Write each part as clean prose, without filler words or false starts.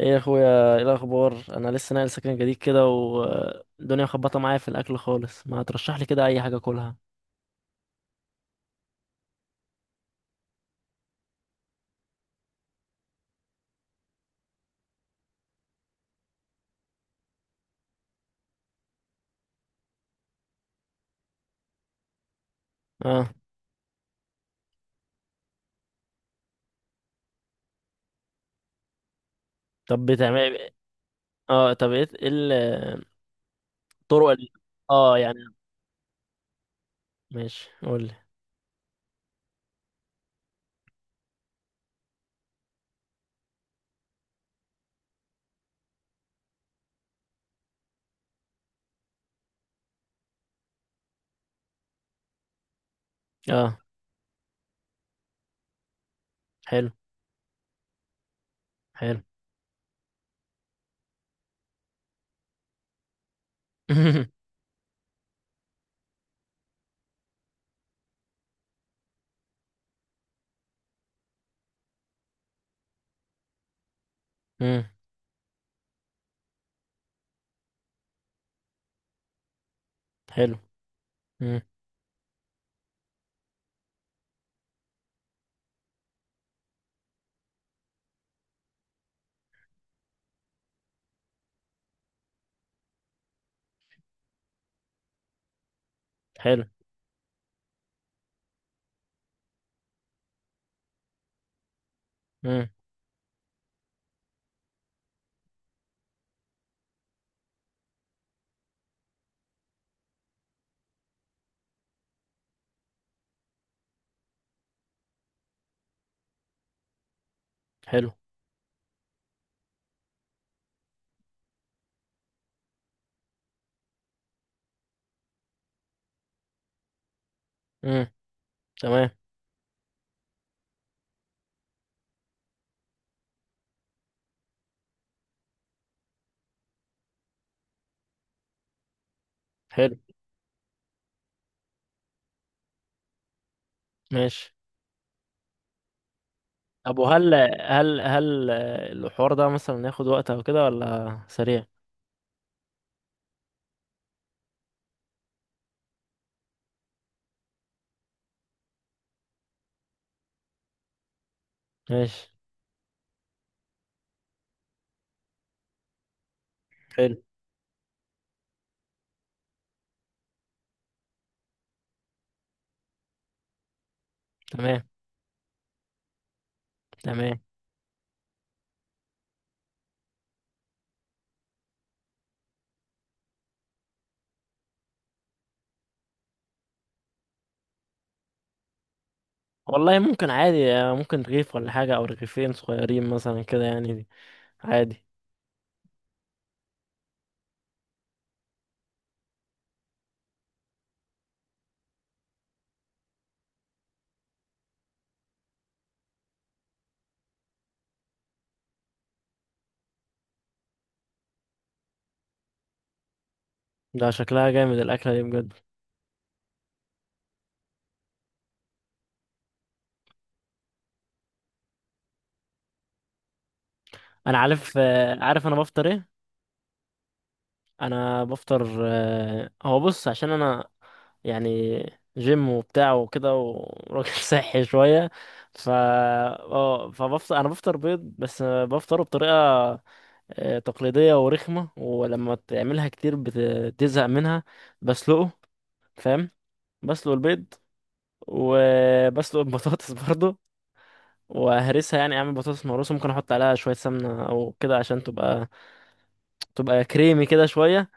ايه يا اخويا، ايه الاخبار؟ انا لسه ناقل سكن جديد كده والدنيا مخبطه معايا في الاكل خالص. ما ترشح لي كده اي حاجه اكلها؟ اه، طب بتعمل إيه؟ اه، طب ايه، الطرق يعني. ماشي، قول لي. اه، حلو حلو. امم حلو امم، حلو. امم، حلو. امم، تمام. حلو. ماشي. طب، وهل هل هل الحوار ده مثلا ياخد وقت او كده ولا سريع؟ ماشي. حلو. تمام. تمام. والله ممكن عادي، ممكن رغيف ولا حاجة أو رغيفين صغيرين مثلا كده يعني دي. عادي. ده شكلها جامد الأكلة دي بجد. أنا عارف، عارف أنا بفطر إيه. أنا بفطر، هو بص عشان أنا يعني جيم وبتاع وكده وراجل صحي شوية. ف اه فبفطر، أنا بفطر بيض بس، بفطره بطريقة تقليدية ورخمة ولما تعملها كتير بتزهق منها. بسلقه، فاهم، بسلق البيض وبسلق البطاطس برضو، وهرسها، يعني اعمل بطاطس مهروسه، ممكن احط عليها شويه سمنه او كده عشان تبقى كريمي كده شويه.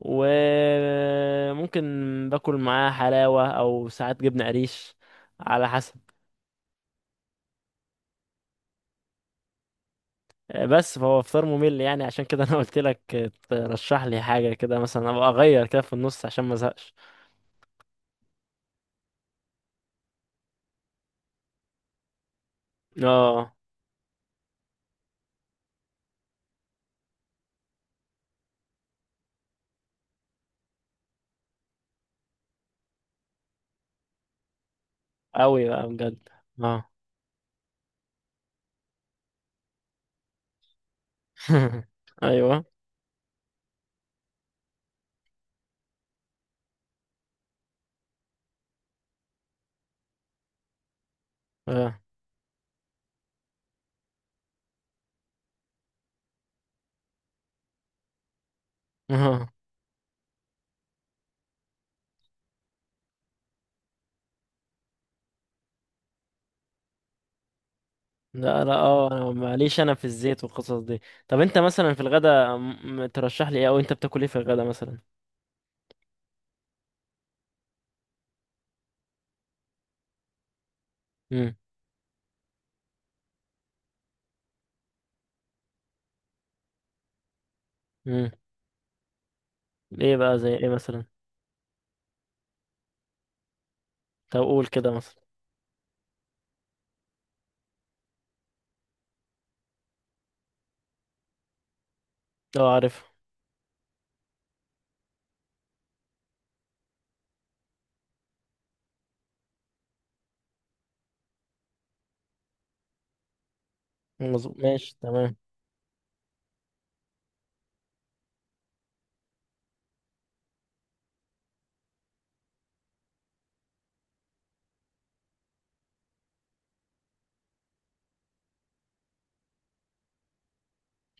وممكن باكل معاها حلاوه او ساعات جبنه قريش، على حسب. بس فهو فطار ممل، يعني عشان كده انا قلت لك ترشح لي حاجه كده مثلا ابقى اغير كده في النص عشان ما ازهقش. اه، قوي بقى بجد. اه. ايوه. اه. لا انا معليش، انا في الزيت والقصص دي. طب انت مثلا في الغدا ترشح لي ايه، او انت بتاكل ايه في الغدا مثلا؟ امم. امم، ايه بقى زي ايه مثلا؟ طب قول كده مثلا. اه، عارف. مظبوط، ماشي. تمام.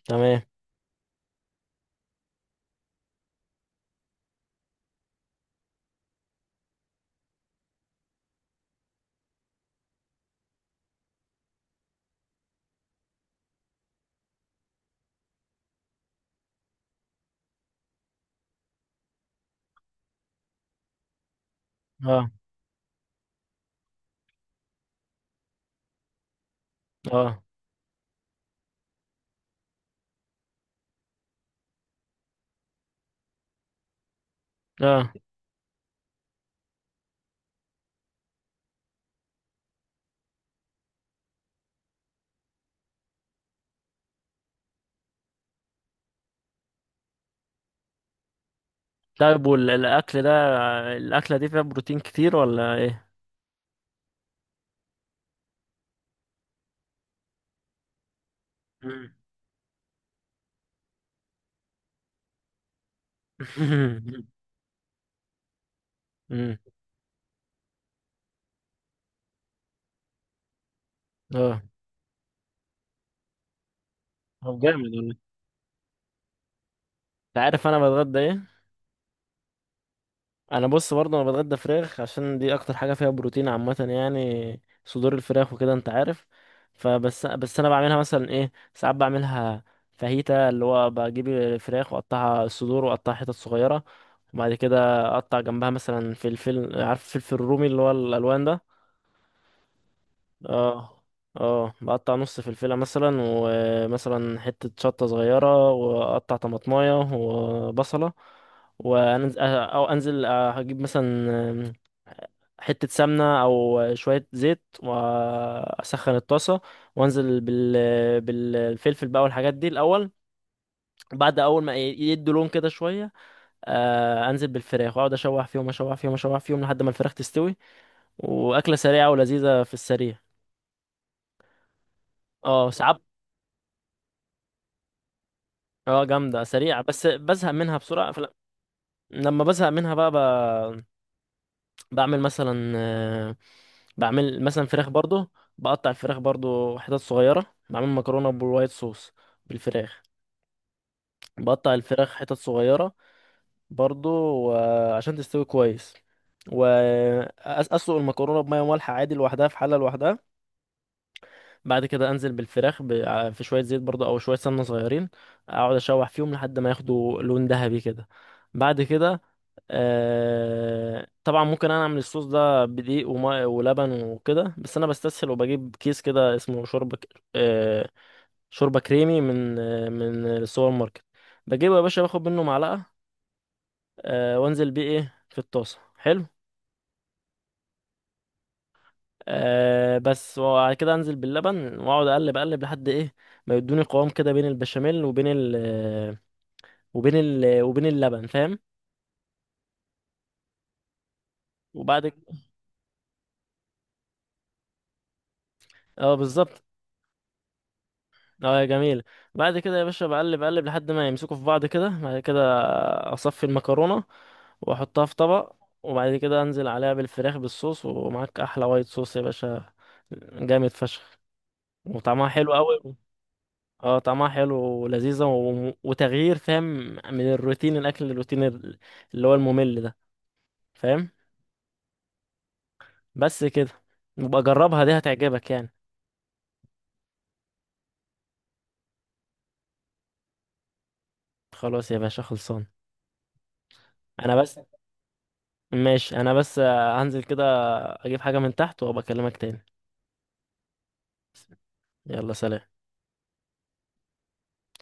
تمام. اه. اه. اه. طيب، والاكل ده الاكله دي فيها بروتين كتير ولا ايه؟ امم. امم. اه. طب جامد والله. انت عارف انا بتغدى ايه؟ انا بص برضه، انا بتغدى فراخ عشان دي اكتر حاجه فيها بروتين عامه، يعني صدور الفراخ وكده، انت عارف. فبس انا بعملها مثلا ايه، ساعات بعملها فاهيتا، اللي هو بجيب الفراخ واقطعها الصدور واقطعها حتت صغيره. وبعد كده اقطع جنبها مثلا فلفل، عارف الفلفل الرومي اللي هو الالوان ده. اه. اه، بقطع نص فلفله مثلا، ومثلا حته شطه صغيره، واقطع طماطمايه وبصله. وانزل او انزل اجيب مثلا حتة سمنة أو شوية زيت وأسخن الطاسة. وأنزل بالفلفل بقى والحاجات دي الأول. بعد أول ما يدوا لون كده شوية، أنزل بالفراخ وأقعد أشوح فيهم أشوح فيهم أشوح فيهم لحد ما الفراخ تستوي. وأكلة سريعة ولذيذة في السريع. اه، ساعات. اه جامدة سريعة بس بزهق منها بسرعة، فلا. لما بزهق منها بقى، بعمل مثلا آه، بعمل مثلا فراخ برضو. بقطع الفراخ برضو حتت صغيرة، بعمل مكرونة بالوايت صوص بالفراخ. بقطع الفراخ حتت صغيرة برضو، عشان تستوي كويس، وأسلق المكرونة بمية مالحة عادي لوحدها في حلة لوحدها. بعد كده انزل بالفراخ في شويه زيت برضه او شويه سمنه صغيرين، اقعد اشوح فيهم لحد ما ياخدوا لون ذهبي كده. بعد كده، طبعا ممكن انا اعمل الصوص ده بدقيق وماء ولبن وكده، بس انا بستسهل وبجيب كيس كده اسمه شوربه شوربه كريمي من السوبر ماركت. بجيبه يا باشا، باخد منه معلقه، وانزل بيه ايه في الطاسه، حلو. أه بس، وبعد كده انزل باللبن واقعد اقلب اقلب لحد ايه، ما يدوني قوام كده بين البشاميل وبين ال آه، وبين ال آه، وبين اللبن، فاهم. وبعد ك- اه، بالظبط. اه، جميل. بعد كده يا باشا بقلب اقلب لحد ما يمسكوا في بعض كده. بعد كده اصفي المكرونه واحطها في طبق، وبعد كده انزل عليها بالفراخ بالصوص، ومعاك احلى وايت صوص يا باشا، جامد فشخ وطعمها حلو قوي. اه، طعمها حلو ولذيذة و... وتغيير، فاهم، من الروتين الأكل للروتين اللي هو الممل ده، فاهم. بس كده، نبقى جربها دي هتعجبك يعني. خلاص يا باشا، خلصان. أنا بس ماشي، أنا بس هنزل كده أجيب حاجة من تحت وأبقى أكلمك تاني. يلا، سلام.